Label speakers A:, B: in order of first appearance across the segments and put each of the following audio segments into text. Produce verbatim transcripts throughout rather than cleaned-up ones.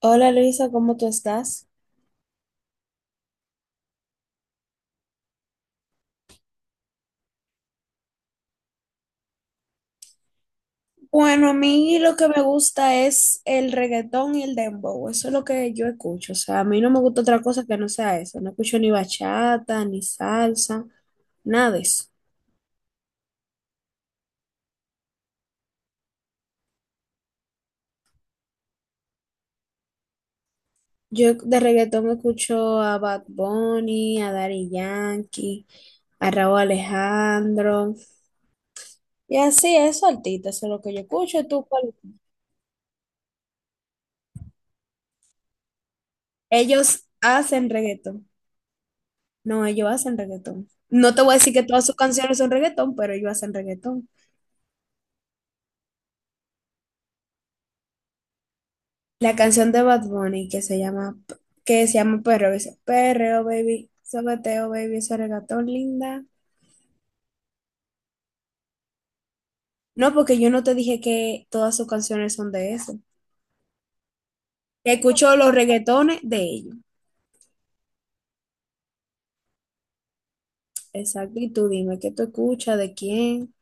A: Hola Luisa, ¿cómo tú estás? Bueno, a mí lo que me gusta es el reggaetón y el dembow, eso es lo que yo escucho, o sea, a mí no me gusta otra cosa que no sea eso, no escucho ni bachata, ni salsa, nada de eso. Yo de reggaetón escucho a Bad Bunny, a Daddy Yankee, a Raúl Alejandro, y así, eso artistas, eso es lo que yo escucho, ¿tú, cuál? Ellos hacen reggaetón, no, ellos hacen reggaetón. No te voy a decir que todas sus canciones son reggaetón, pero ellos hacen reggaetón. La canción de Bad Bunny que se llama, que se llama Perreo, dice, Perreo, baby, sobeteo, baby, ese regatón linda. No, porque yo no te dije que todas sus canciones son de eso. Escucho los reggaetones de ellos. Exacto, y tú dime, ¿qué tú escuchas? ¿De quién?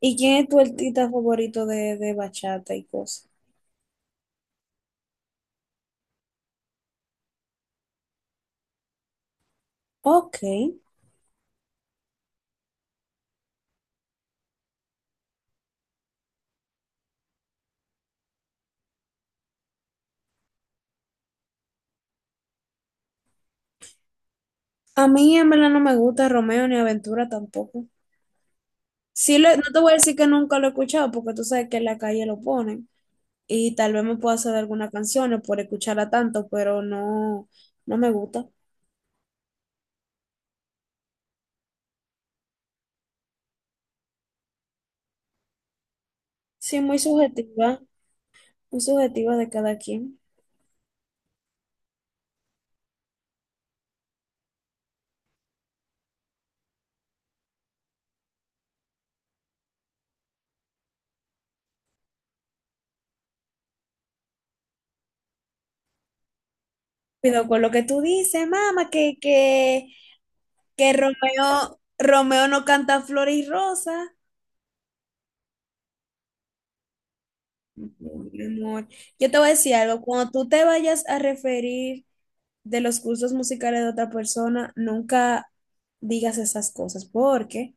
A: ¿Y quién es tu artista favorito de, de bachata y cosas? Ok. A mí en verdad no me gusta Romeo ni Aventura tampoco. Sí, lo- no te voy a decir que nunca lo he escuchado porque tú sabes que en la calle lo ponen. Y tal vez me pueda hacer algunas canciones por escucharla tanto, pero no, no me gusta. Sí, muy subjetiva, muy subjetiva de cada quien. Cuidado con lo que tú dices, mamá, que, que, que Romeo, Romeo no canta flores y rosas. Mi amor, yo te voy a decir algo, cuando tú te vayas a referir de los cursos musicales de otra persona, nunca digas esas cosas, porque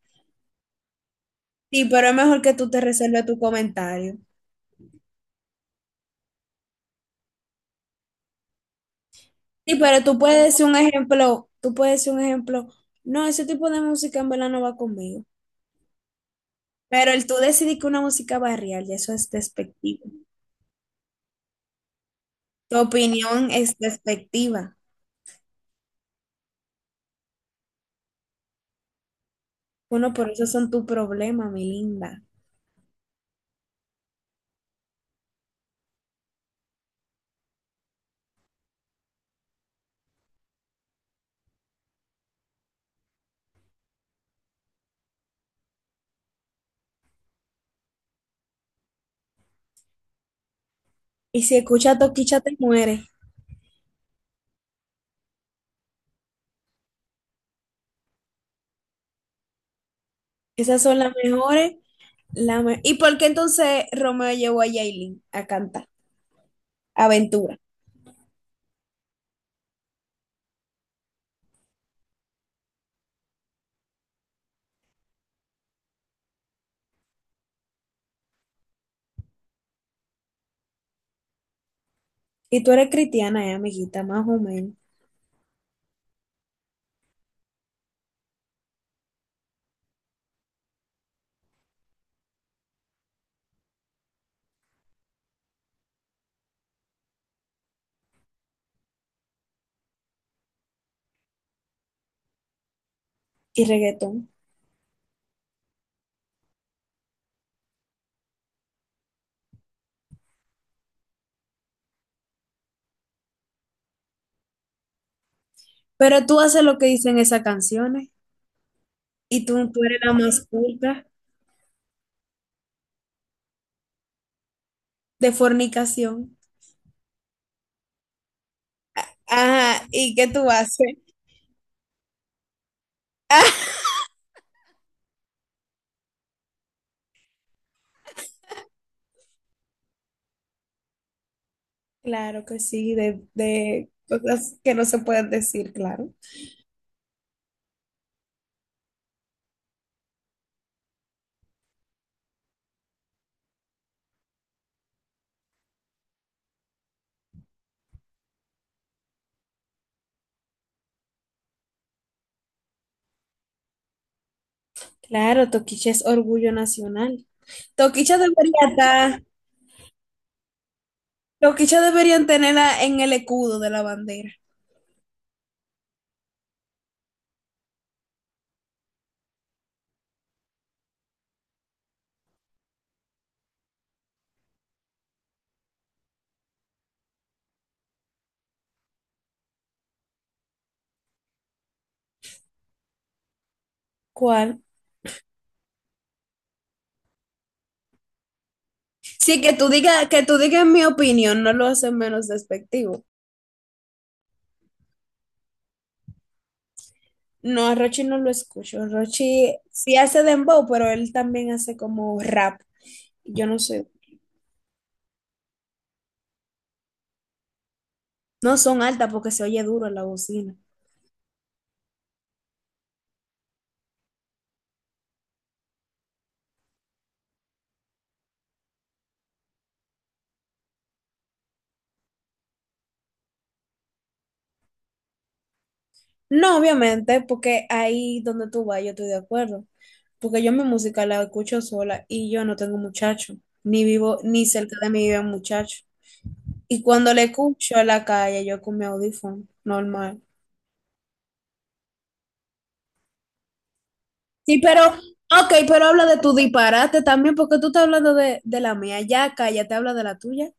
A: sí, pero es mejor que tú te reserves tu comentario. Sí, pero tú puedes decir un ejemplo, tú puedes decir un ejemplo, no, ese tipo de música en verdad no va conmigo. Pero el tú decidir que una música barrial, y eso es despectivo. Tu opinión es despectiva. Bueno, por eso son tu problema, mi linda. Y si escuchas Toquicha te muere. Esas son las mejores. La me- ¿y por qué entonces Romeo llevó a Yailin a cantar? Aventura. Y tú eres cristiana, eh, amiguita, más o menos. Y reggaetón. Pero tú haces lo que dicen esas canciones. Y tú, tú eres la más culta. De fornicación. Ajá, ¿y qué tú haces? Ah, claro que sí, de, de cosas que no se pueden decir, claro. Claro, Toquicha es orgullo nacional. Toquicha debería estar, Toquicha deberían tenerla en el escudo de la bandera. ¿Cuál? Sí, que tú digas, que tú digas mi opinión, no lo hace menos despectivo. No, a Rochi no lo escucho. Rochi sí hace dembow, pero él también hace como rap. Yo no sé. No son altas porque se oye duro en la bocina. No, obviamente, porque ahí donde tú vas, yo estoy de acuerdo. Porque yo mi música la escucho sola y yo no tengo muchacho. Ni vivo, ni cerca de mí vive un muchacho. Y cuando le escucho en la calle, yo con mi audífono, normal. Sí, pero, ok, pero habla de tu disparate también, porque tú estás hablando de, de la mía. Ya, cállate, habla de la tuya.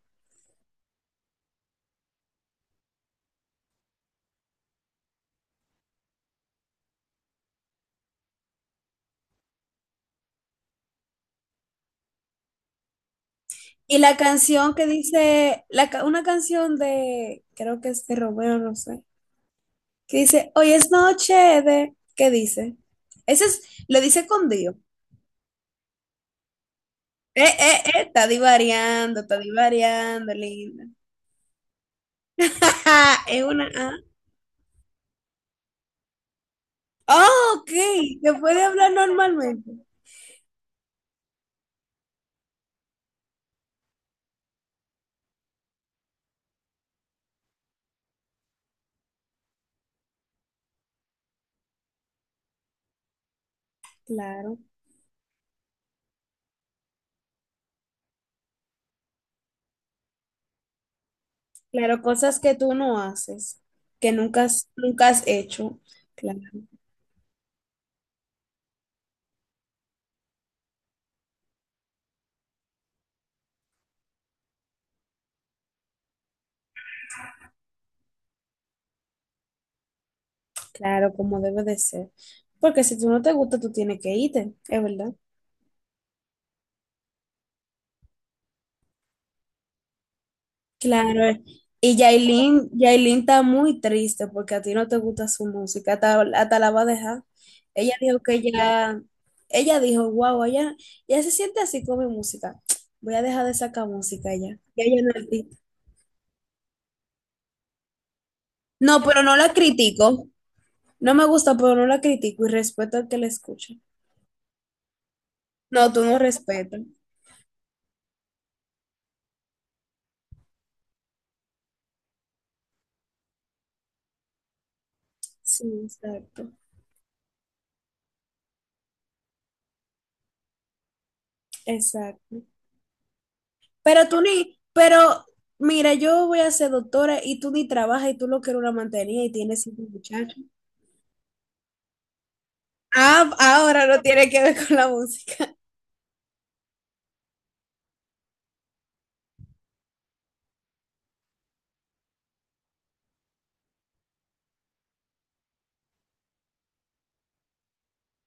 A: Y la canción que dice, la, ca- una canción de, creo que es de Romeo, no sé, que dice, hoy es noche de, ¿qué dice? Ese es, lo dice con Dios. Eh, eh, eh, está divariando, está divariando, linda. Es una A. Oh, ok, que puede hablar normalmente. Claro, claro, cosas que tú no haces, que nunca has, nunca has hecho. Claro. Claro, como debe de ser. Porque si tú no te gusta, tú tienes que irte, es verdad. Claro, eh. Y Yailin, Yailin está muy triste porque a ti no te gusta su música, hasta, hasta la va a dejar. Ella dijo que ya, ella dijo, wow, ella, ella se siente así con mi música. Voy a dejar de sacar música ya. Ya ella no es artista. No, pero no la critico. No me gusta, pero no la critico y respeto al que la escucha. No, tú no respetas. Sí, exacto, exacto. Pero tú ni, pero mira, yo voy a ser doctora y tú ni trabajas y tú lo que eres una mantenida y tienes cinco muchachos. Ah, ahora no tiene que ver con la música.